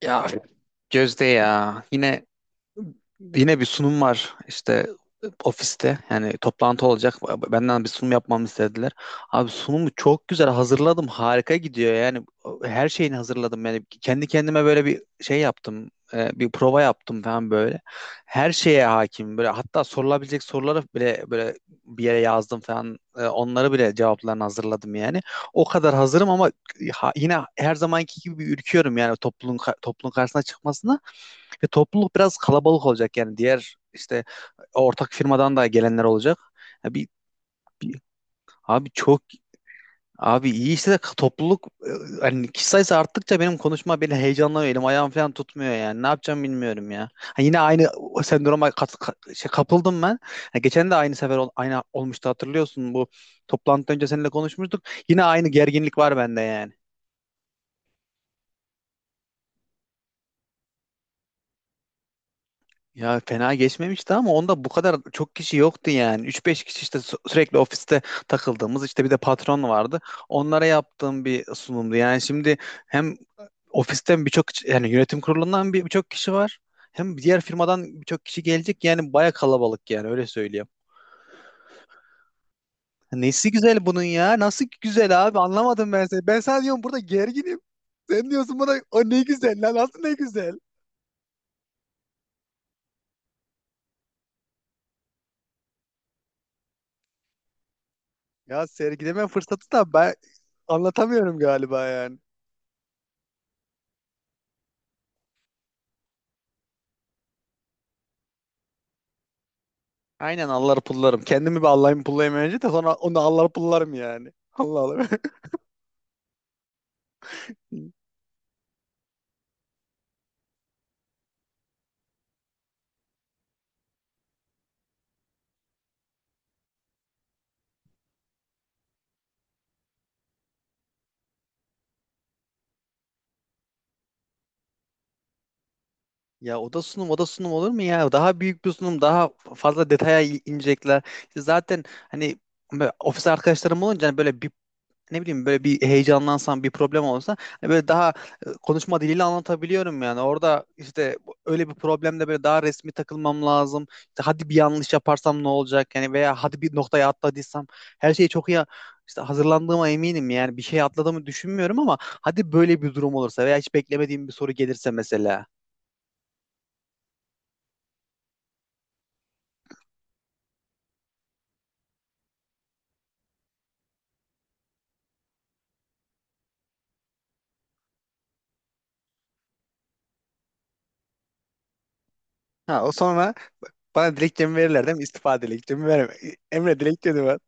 Ya Gözde ya yine yine bir sunum var işte ofiste yani toplantı olacak benden bir sunum yapmamı istediler. Abi sunumu çok güzel hazırladım, harika gidiyor yani her şeyini hazırladım, yani kendi kendime böyle bir şey yaptım, bir prova yaptım falan böyle. Her şeye hakim böyle, hatta sorulabilecek soruları bile böyle bir yere yazdım falan. Onları bile, cevaplarını hazırladım yani. O kadar hazırım ama yine her zamanki gibi ürküyorum yani topluluğun topluluğun karşısına çıkmasına. Ve topluluk biraz kalabalık olacak yani, diğer işte ortak firmadan da gelenler olacak. Ya bir, bir- abi çok, abi iyi işte de topluluk hani kişi sayısı arttıkça benim konuşma beni heyecanlanıyor, elim ayağım falan tutmuyor yani, ne yapacağım bilmiyorum ya. Ha, yine aynı o sendroma kapıldım ben. Ha, geçen de aynı sefer aynı olmuştu, hatırlıyorsun, bu toplantıdan önce seninle konuşmuştuk. Yine aynı gerginlik var bende yani. Ya fena geçmemişti ama onda bu kadar çok kişi yoktu yani. Üç beş kişi işte, sürekli ofiste takıldığımız, işte bir de patron vardı. Onlara yaptığım bir sunumdu. Yani şimdi hem ofisten birçok yani yönetim kurulundan birçok kişi var. Hem diğer firmadan birçok kişi gelecek. Yani baya kalabalık, yani öyle söyleyeyim. Nesi güzel bunun ya? Nasıl güzel abi? Anlamadım ben seni. Ben sana diyorum burada gerginim. Sen diyorsun bana o ne güzel lan, nasıl ne güzel. Ya sergileme fırsatı da, ben anlatamıyorum galiba yani. Aynen, allar pullarım. Kendimi bir allayım pullayayım önce de, sonra onu allar pullarım yani. Allah Allah. Ya oda sunum oda sunum olur mu ya? Daha büyük bir sunum, daha fazla detaya inecekler. İşte zaten hani böyle ofis arkadaşlarım olunca hani böyle bir, ne bileyim, böyle bir heyecanlansam, bir problem olsa, hani böyle daha konuşma diliyle anlatabiliyorum yani. Orada işte öyle bir problemde böyle daha resmi takılmam lazım. İşte hadi bir yanlış yaparsam ne olacak yani, veya hadi bir noktaya atladıysam, her şeyi çok iyi işte hazırlandığıma eminim yani, bir şey atladığımı düşünmüyorum ama hadi böyle bir durum olursa veya hiç beklemediğim bir soru gelirse mesela. Ha, o sonra bana dilekçemi verirler değil mi? İstifa dilekçemi verme. Emre dilekçeni ver.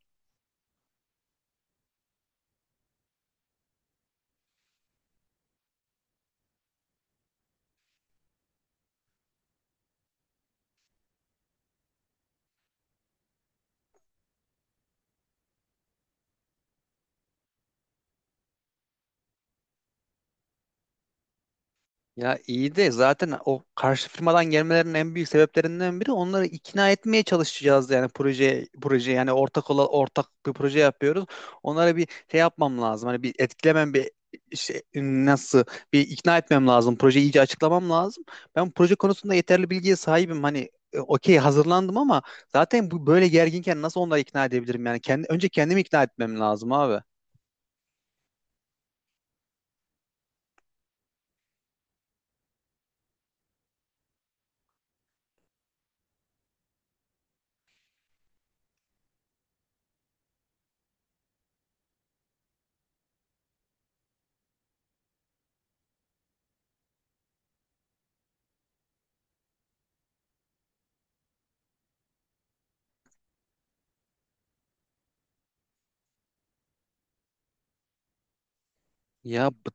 Ya iyi de, zaten o karşı firmadan gelmelerinin en büyük sebeplerinden biri, onları ikna etmeye çalışacağız yani, proje proje yani, ortak ortak bir proje yapıyoruz. Onlara bir şey yapmam lazım. Hani bir etkilemem, bir şey, nasıl bir ikna etmem lazım. Projeyi iyice açıklamam lazım. Ben proje konusunda yeterli bilgiye sahibim. Hani okey, hazırlandım ama zaten bu böyle gerginken nasıl onları ikna edebilirim yani, kendi önce kendimi ikna etmem lazım abi. Ya bu-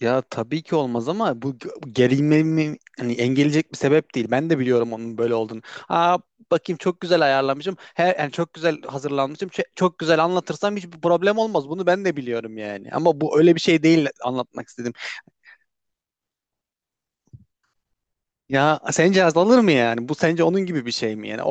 Ya tabii ki olmaz ama bu gerilmemi hani engelleyecek bir sebep değil. Ben de biliyorum onun böyle olduğunu. Aa, bakayım, çok güzel ayarlamışım. Her, yani çok güzel hazırlanmışım. Çok güzel anlatırsam hiçbir problem olmaz. Bunu ben de biliyorum yani. Ama bu öyle bir şey değil, anlatmak istedim. Ya sence azalır mı yani? Bu sence onun gibi bir şey mi yani?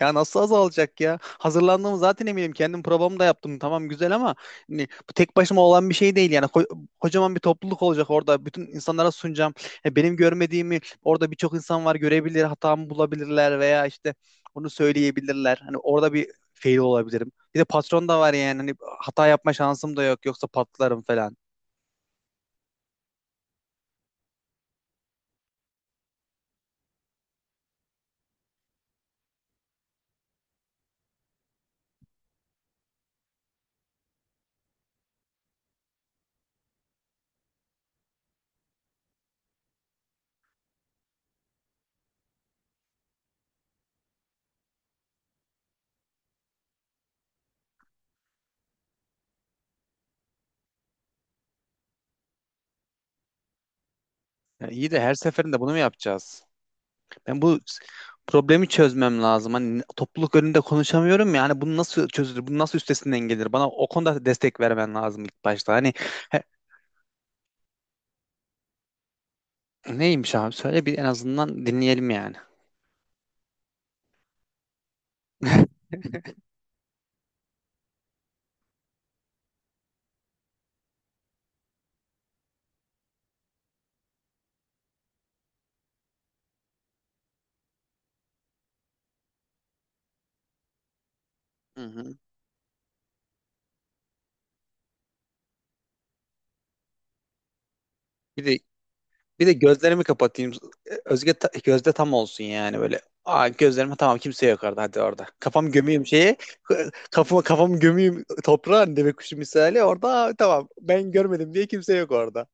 Ya nasıl azalacak ya? Hazırlandığımı zaten eminim. Kendim probamı da yaptım. Tamam, güzel, ama hani bu tek başıma olan bir şey değil. Yani kocaman bir topluluk olacak orada. Bütün insanlara sunacağım. Ya benim görmediğimi orada birçok insan var, görebilir, hatamı bulabilirler veya işte onu söyleyebilirler. Hani orada bir fail olabilirim. Bir de patron da var yani. Hani hata yapma şansım da yok. Yoksa patlarım falan. Yani iyi de, her seferinde bunu mu yapacağız? Ben bu problemi çözmem lazım. Hani topluluk önünde konuşamıyorum ya. Hani bunu nasıl çözülür? Bunu nasıl üstesinden gelir? Bana o konuda destek vermen lazım ilk başta. He- Neymiş abi? Söyle bir, en azından dinleyelim yani. Hı hı. Bir de Bir de gözlerimi kapatayım. Gözde tam olsun yani böyle. Aa, gözlerime, tamam kimse yok orada, hadi orada. Kafam gömeyim şeye. Kafamı gömeyim toprağa, hani deve kuşu misali orada, "Aa, tamam ben görmedim diye kimse yok orada."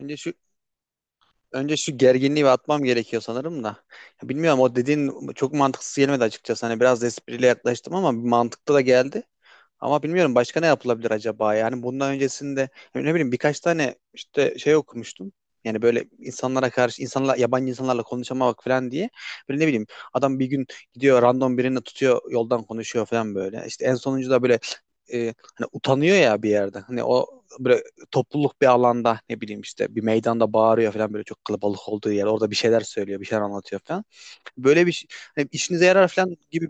Önce şu Önce şu gerginliği bir atmam gerekiyor sanırım da. Ya bilmiyorum, o dediğin çok mantıksız gelmedi açıkçası. Hani biraz da espriyle yaklaştım ama mantıklı da geldi. Ama bilmiyorum, başka ne yapılabilir acaba? Yani bundan öncesinde, ne bileyim, birkaç tane işte şey okumuştum. Yani böyle insanlara karşı, insanlar yabancı insanlarla konuşamamak falan diye. Böyle ne bileyim, adam bir gün gidiyor, random birini tutuyor yoldan, konuşuyor falan böyle. İşte en sonuncu da böyle, hani utanıyor ya bir yerde. Hani o böyle, topluluk bir alanda, ne bileyim, işte bir meydanda bağırıyor falan böyle, çok kalabalık olduğu yer, orada bir şeyler söylüyor bir şeyler anlatıyor falan. Böyle bir şey- Hani işinize yarar falan gibi,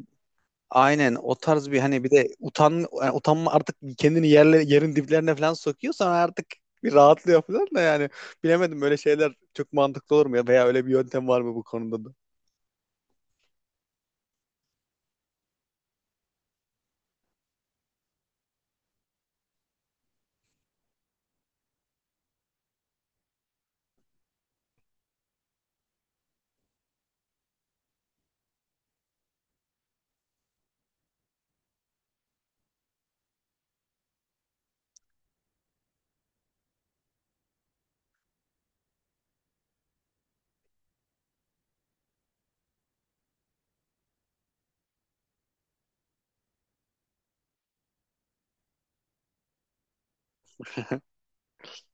aynen o tarz bir, hani bir de yani utanma artık, kendini yerin diplerine falan sokuyor, sonra artık bir rahatlıyor falan da yani, bilemedim, böyle şeyler çok mantıklı olur mu ya, veya öyle bir yöntem var mı bu konuda da?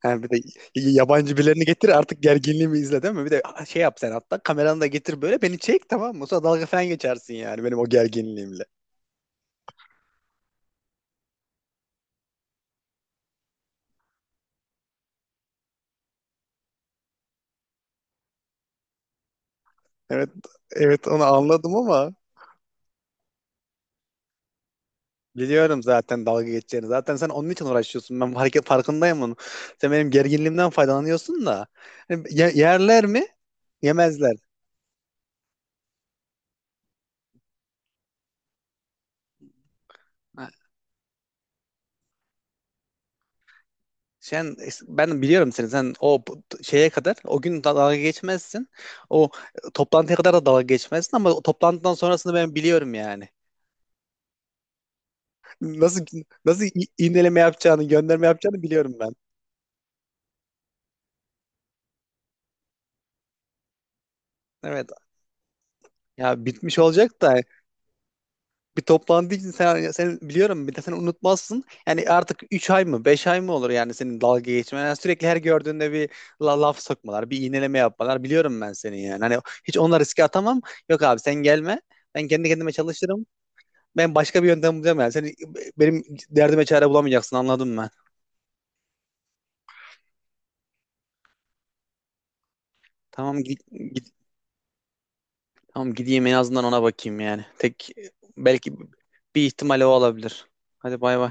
Yani bir de yabancı birilerini getir artık, gerginliğimi izle değil mi? Bir de ah, şey yap, sen hatta kameranı da getir, böyle beni çek tamam mı? Sonra dalga falan geçersin yani benim o gerginliğimle. Evet, evet, onu anladım ama biliyorum zaten dalga geçeceğini. Zaten sen onun için uğraşıyorsun. Ben hareket farkındayım onun. Sen benim gerginliğimden faydalanıyorsun da. Hani yerler mi? Yemezler. Ha, sen, ben biliyorum seni. Sen o şeye kadar o gün dalga geçmezsin. O toplantıya kadar da dalga geçmezsin ama o toplantıdan sonrasını ben biliyorum yani. Nasıl Nasıl iğneleme yapacağını, gönderme yapacağını biliyorum ben. Evet. Ya bitmiş olacak da, bir toplandığı için sen, biliyorum, bir de sen unutmazsın. Yani artık 3 ay mı 5 ay mı olur yani senin dalga geçmen. Yani sürekli her gördüğünde bir laf sokmalar, bir iğneleme yapmalar. Biliyorum ben seni yani. Hani hiç onunla riske atamam. Yok abi, sen gelme. Ben kendi kendime çalışırım. Ben başka bir yöntem bulacağım yani. Seni, benim derdime çare bulamayacaksın, anladım ben. Tamam git, git- tamam gideyim en azından, ona bakayım yani. Tek, belki bir ihtimal o olabilir. Hadi bay bay.